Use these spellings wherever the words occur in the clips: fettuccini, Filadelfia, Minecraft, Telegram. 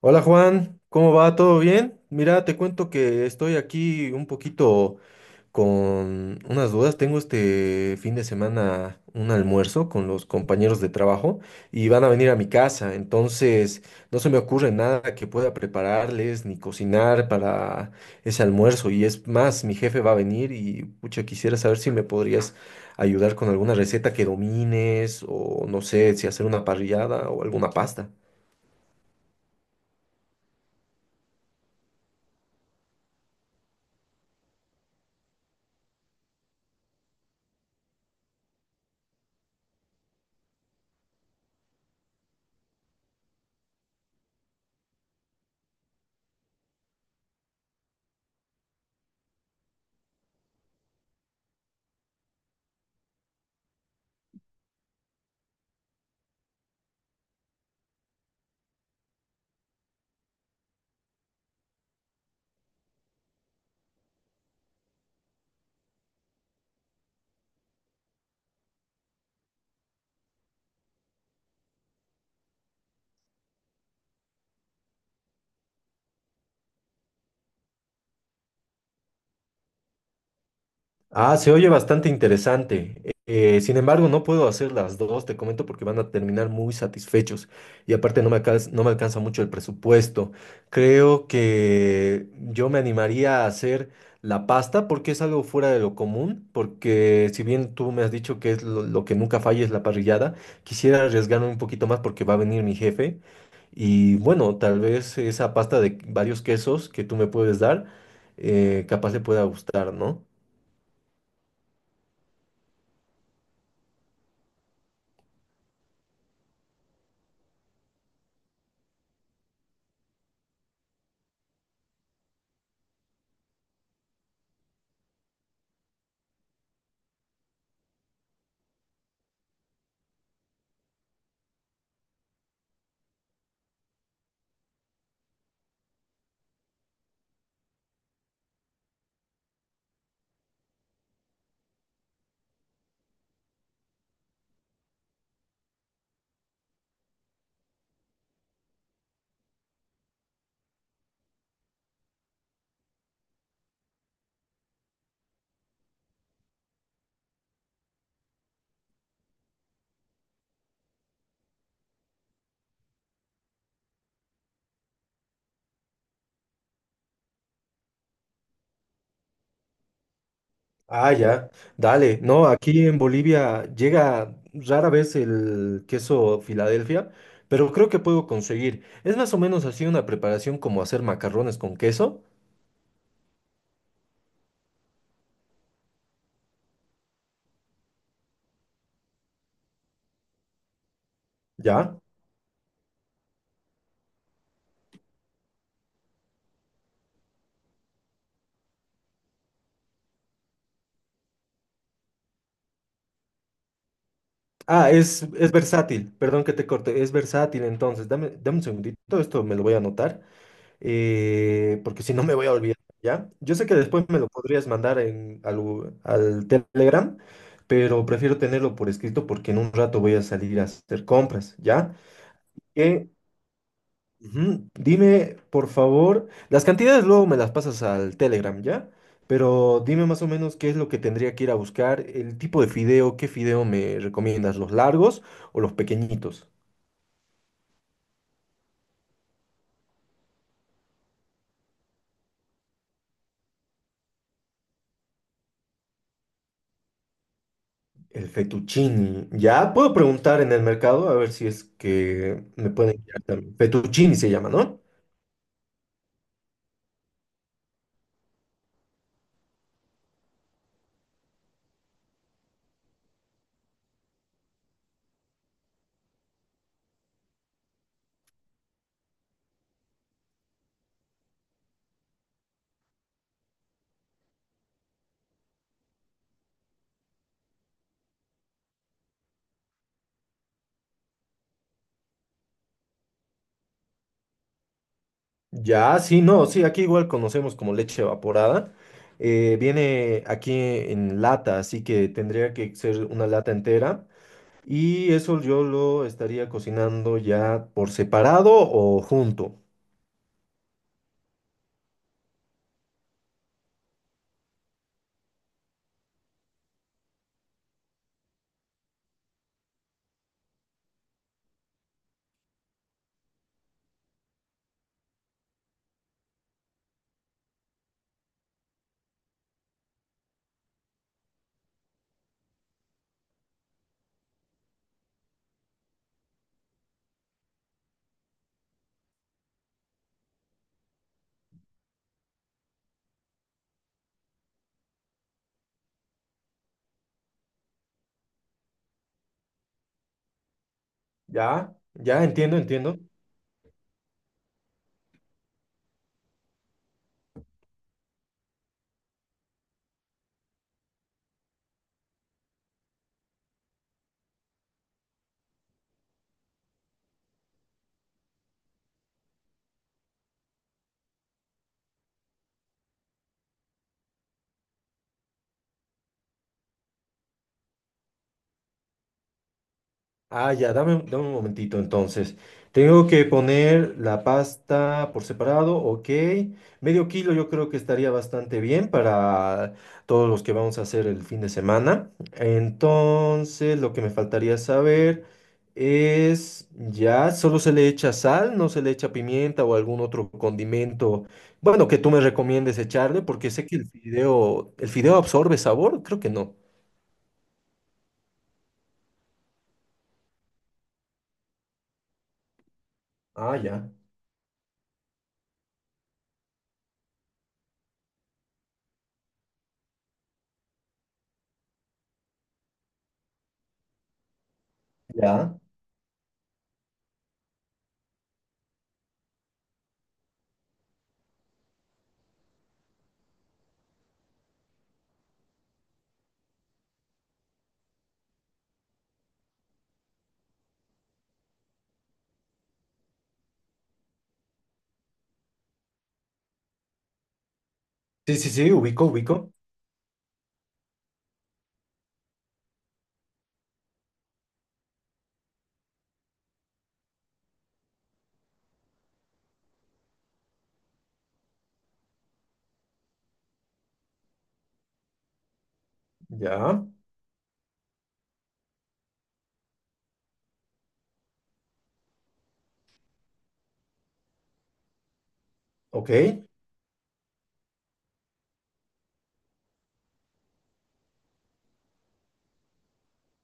Hola Juan, ¿cómo va? ¿Todo bien? Mira, te cuento que estoy aquí un poquito con unas dudas. Tengo este fin de semana un almuerzo con los compañeros de trabajo y van a venir a mi casa. No se me ocurre nada que pueda prepararles ni cocinar para ese almuerzo. Y es más, mi jefe va a venir y pucha, quisiera saber si me podrías ayudar con alguna receta que domines o no sé, si hacer una parrillada o alguna pasta. Ah, se oye bastante interesante. Sin embargo, no puedo hacer las dos, te comento, porque van a terminar muy satisfechos. Y aparte no me alcanza mucho el presupuesto. Creo que yo me animaría a hacer la pasta porque es algo fuera de lo común, porque si bien tú me has dicho que es lo que nunca falla es la parrillada, quisiera arriesgarme un poquito más porque va a venir mi jefe. Y bueno, tal vez esa pasta de varios quesos que tú me puedes dar, capaz le pueda gustar, ¿no? Ah, ya, dale. No, aquí en Bolivia llega rara vez el queso Filadelfia, pero creo que puedo conseguir. Es más o menos así una preparación como hacer macarrones con queso, ¿ya? Ah, es versátil, perdón que te corte, es versátil entonces. Dame un segundito, esto me lo voy a anotar, porque si no me voy a olvidar, ¿ya? Yo sé que después me lo podrías mandar al Telegram, pero prefiero tenerlo por escrito porque en un rato voy a salir a hacer compras, ¿ya? que Ujú. Dime, por favor, las cantidades luego me las pasas al Telegram, ¿ya? Pero dime más o menos qué es lo que tendría que ir a buscar, el tipo de fideo, qué fideo me recomiendas, los largos o los pequeñitos. El fettuccini, ¿ya? Puedo preguntar en el mercado a ver si es que me pueden guiar también. Fettuccini se llama, ¿no? Ya, sí, no, sí, aquí igual conocemos como leche evaporada. Viene aquí en lata, así que tendría que ser una lata entera. Y eso yo lo estaría cocinando ya por separado o junto. ¿Ya? ¿Ya? Entiendo, entiendo. Ah, ya, dame un momentito entonces. Tengo que poner la pasta por separado, ok. Medio kilo yo creo que estaría bastante bien para todos los que vamos a hacer el fin de semana. Entonces, lo que me faltaría saber es, ya, solo se le echa sal, no se le echa pimienta o algún otro condimento, bueno, que tú me recomiendes echarle, porque sé que el fideo absorbe sabor, creo que no. Ah, ya, ya. Sí, sí, sí, ubico, ubico. Ya, ok.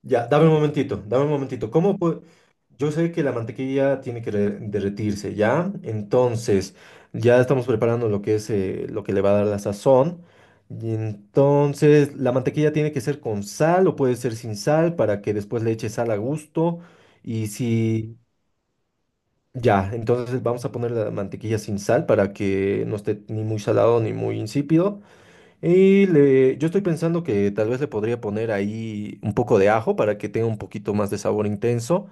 Ya, dame un momentito. ¿Cómo puedo? Yo sé que la mantequilla tiene que derretirse, ¿ya? Entonces, ya estamos preparando lo que es lo que le va a dar la sazón. Y entonces, la mantequilla tiene que ser con sal o puede ser sin sal para que después le eche sal a gusto. Y si, ya, entonces vamos a poner la mantequilla sin sal para que no esté ni muy salado ni muy insípido. Y le, yo estoy pensando que tal vez le podría poner ahí un poco de ajo para que tenga un poquito más de sabor intenso.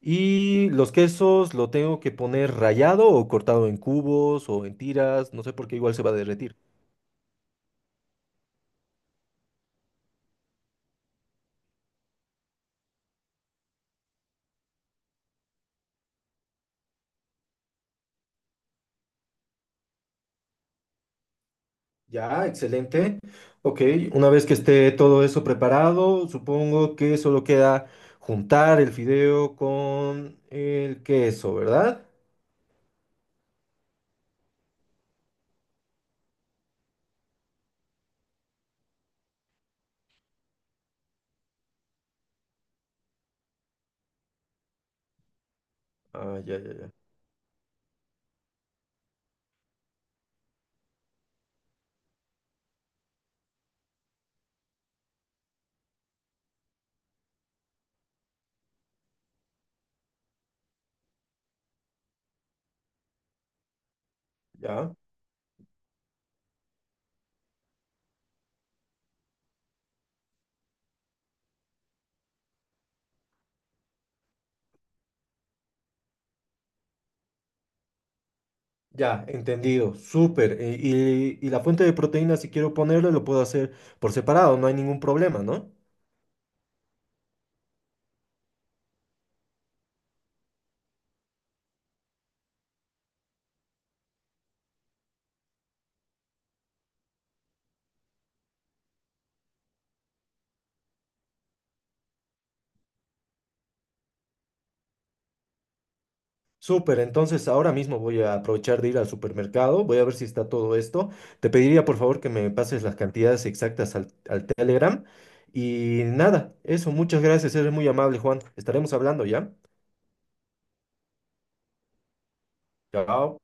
Y los quesos lo tengo que poner rallado o cortado en cubos o en tiras, no sé por qué igual se va a derretir. Ya, excelente. Ok, una vez que esté todo eso preparado, supongo que solo queda juntar el fideo con el queso, ¿verdad? Ah, ya, ya, ya. Ya. Ya, entendido, súper. Y la fuente de proteína, si quiero ponerle, lo puedo hacer por separado, no hay ningún problema, ¿no? Súper, entonces ahora mismo voy a aprovechar de ir al supermercado, voy a ver si está todo esto. Te pediría por favor que me pases las cantidades exactas al Telegram. Y nada, eso, muchas gracias, eres muy amable, Juan. Estaremos hablando, ¿ya? Chao.